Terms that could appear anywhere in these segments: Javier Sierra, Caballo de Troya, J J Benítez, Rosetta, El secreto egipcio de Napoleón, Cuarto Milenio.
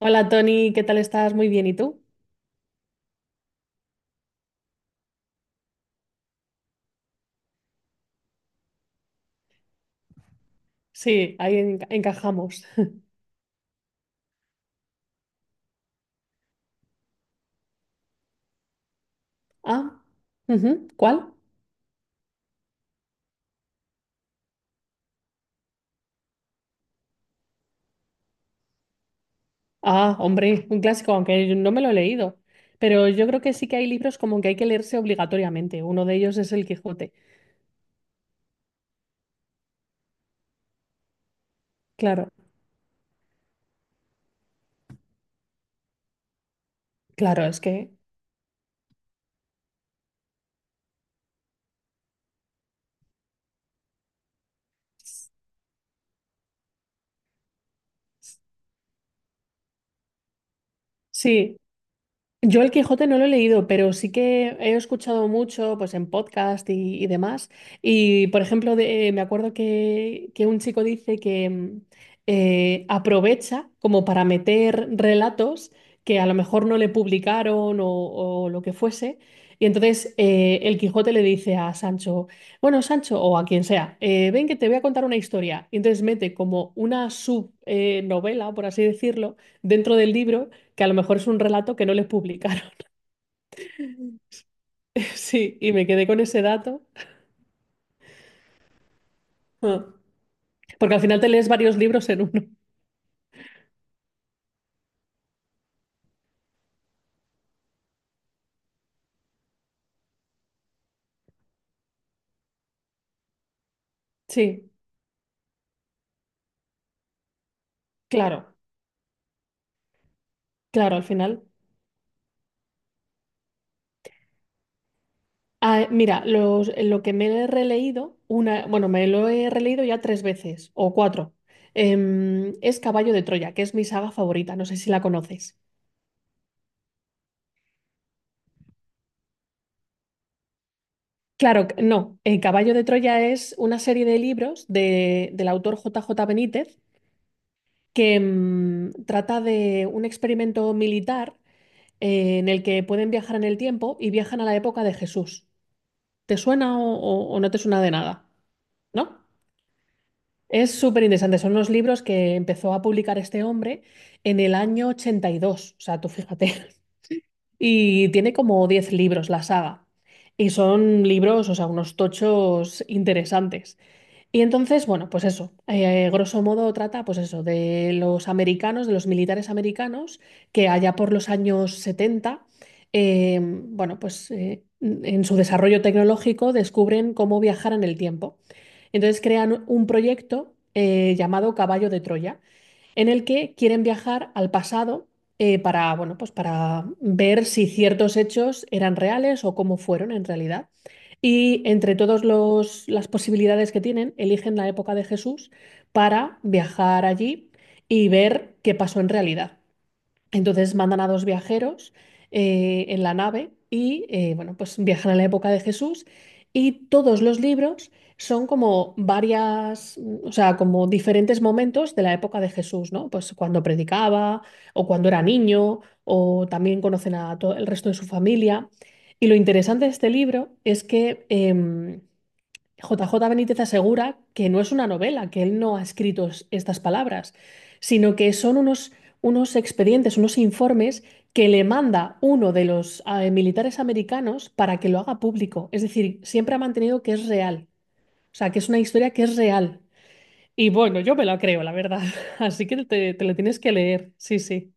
Hola Tony, ¿qué tal estás? Muy bien, ¿y tú? Sí, ahí encajamos. Ah, ujú, ¿cuál? Ah, hombre, un clásico, aunque yo no me lo he leído. Pero yo creo que sí que hay libros como que hay que leerse obligatoriamente. Uno de ellos es El Quijote. Claro, claro, es que sí. Yo el Quijote no lo he leído, pero sí que he escuchado mucho pues en podcast y demás. Y por ejemplo, me acuerdo que un chico dice que aprovecha como para meter relatos que a lo mejor no le publicaron o lo que fuese. Y entonces el Quijote le dice a Sancho, bueno, Sancho, o a quien sea, ven que te voy a contar una historia. Y entonces mete como una subnovela, por así decirlo, dentro del libro que a lo mejor es un relato que no les publicaron. Sí, y me quedé con ese dato. Ah, porque al final te lees varios libros en uno. Sí, claro, claro, al final. Ah, mira, lo que me he releído, una, bueno, me lo he releído ya tres veces o cuatro, es Caballo de Troya, que es mi saga favorita, no sé si la conoces. Claro, no, el Caballo de Troya es una serie de libros del autor J J Benítez que trata de un experimento militar en el que pueden viajar en el tiempo y viajan a la época de Jesús. ¿Te suena o, o no te suena de nada? ¿No? Es súper interesante. Son unos libros que empezó a publicar este hombre en el año 82. O sea, tú fíjate. Y tiene como 10 libros la saga. Y son libros, o sea, unos tochos interesantes. Y entonces, bueno, pues eso, grosso modo trata, pues eso, de los americanos, de los militares americanos, que allá por los años 70, eh, bueno, pues en su desarrollo tecnológico descubren cómo viajar en el tiempo. Entonces crean un proyecto llamado Caballo de Troya, en el que quieren viajar al pasado para, bueno, pues para ver si ciertos hechos eran reales o cómo fueron en realidad. Y entre todas las posibilidades que tienen, eligen la época de Jesús para viajar allí y ver qué pasó en realidad. Entonces mandan a dos viajeros en la nave y bueno, pues viajan a la época de Jesús, y todos los libros son como varias, o sea, como diferentes momentos de la época de Jesús, ¿no? Pues cuando predicaba o cuando era niño, o también conocen a todo el resto de su familia. Y lo interesante de este libro es que JJ Benítez asegura que no es una novela, que él no ha escrito estas palabras, sino que son unos, expedientes, unos informes que le manda uno de los militares americanos para que lo haga público. Es decir, siempre ha mantenido que es real, o sea, que es una historia que es real. Y bueno, yo me la creo, la verdad. Así que te lo tienes que leer, sí, sí.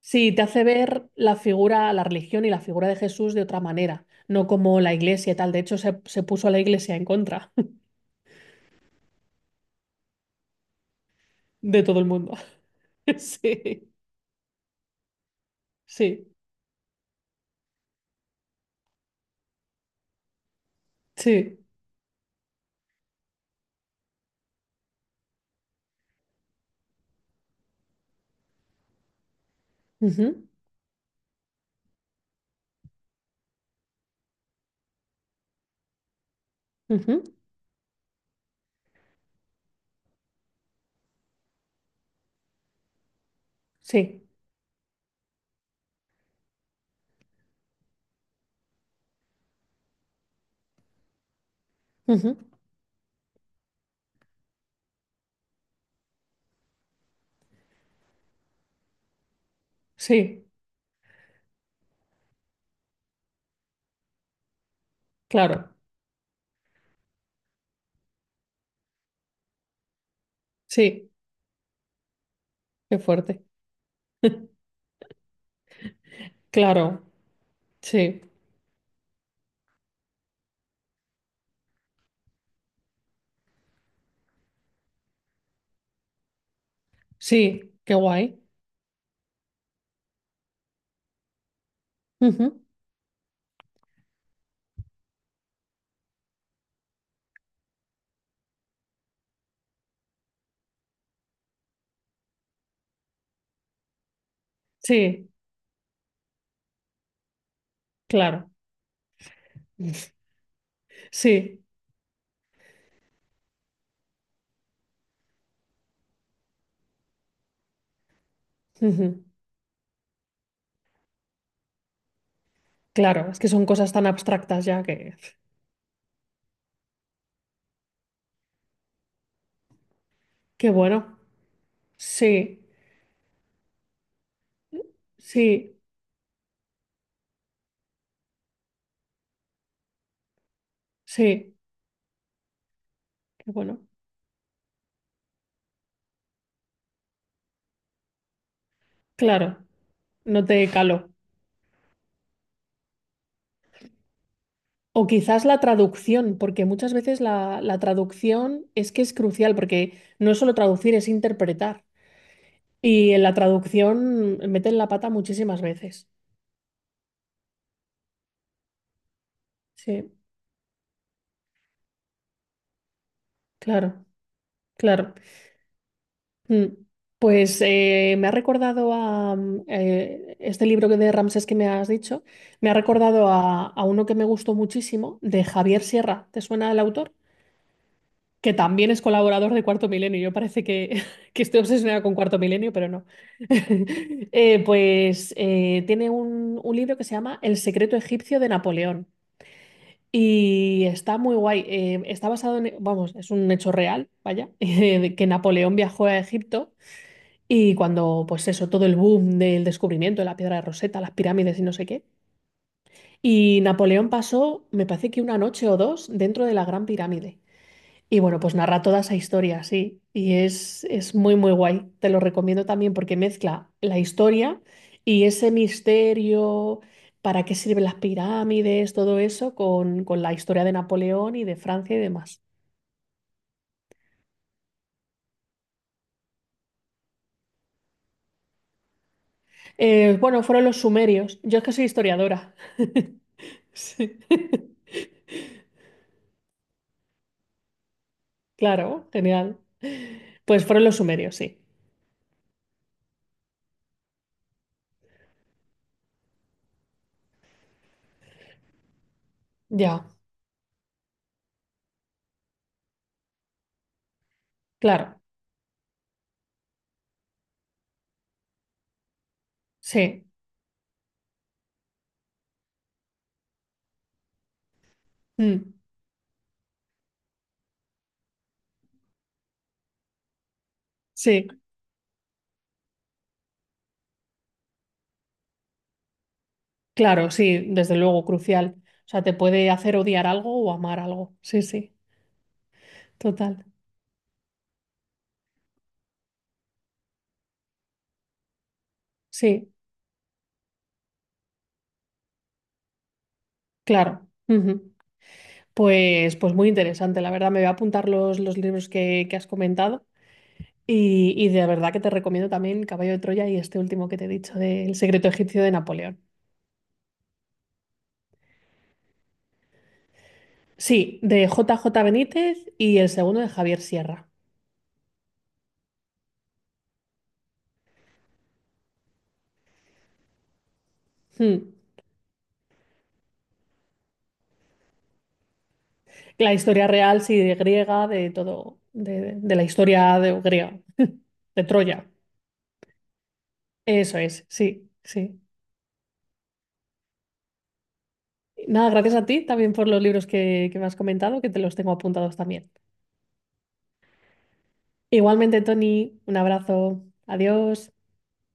Sí, te hace ver la figura, la religión y la figura de Jesús de otra manera, no como la iglesia y tal. De hecho, se puso a la iglesia en contra de todo el mundo. Sí, sí, sí. Ujú, ujú, sí, ujú, sí, claro, sí, qué fuerte. Claro, sí, sí, qué guay. Ujú, sí, claro, sí, ujú, claro, es que son cosas tan abstractas ya, que, qué bueno. Sí, sí, sí, qué bueno. Claro, no te calo. O quizás la traducción, porque muchas veces la traducción es que es crucial, porque no es solo traducir, es interpretar. Y en la traducción meten la pata muchísimas veces. Sí, claro, claro. Mm. Pues me ha recordado a, este libro que de Ramsés que me has dicho, me ha recordado a uno que me gustó muchísimo, de Javier Sierra. ¿Te suena el autor? Que también es colaborador de Cuarto Milenio. Yo parece que, que estoy obsesionada con Cuarto Milenio, pero no. Pues tiene un libro que se llama El secreto egipcio de Napoleón. Y está muy guay. Está basado en, vamos, es un hecho real, vaya, de que Napoleón viajó a Egipto y, cuando, pues eso, todo el boom del descubrimiento de la piedra de Rosetta, las pirámides y no sé qué. Y Napoleón pasó, me parece que una noche o dos, dentro de la Gran Pirámide. Y bueno, pues narra toda esa historia, sí. Y es muy, muy guay. Te lo recomiendo también porque mezcla la historia y ese misterio, para qué sirven las pirámides, todo eso, con, la historia de Napoleón y de Francia y demás. Bueno, fueron los sumerios. Yo es que soy historiadora. Sí. Claro, genial. Pues fueron los sumerios, sí. Ya, claro. Sí. Mm. Sí. Claro, sí, desde luego, crucial. O sea, te puede hacer odiar algo o amar algo. Sí, sí, total. Sí, claro. Ujú. Pues muy interesante, la verdad. Me voy a apuntar los libros que has comentado, y de verdad que te recomiendo también Caballo de Troya y este último que te he dicho, de El secreto egipcio de Napoleón. Sí, de J J Benítez, y el segundo de Javier Sierra. Mm. La historia real, sí, de griega, de todo, de la historia de, griega, de Troya. Eso es, sí, sí. Nada, gracias a ti también por los libros que me has comentado, que te los tengo apuntados también. Igualmente, Tony, un abrazo. Adiós.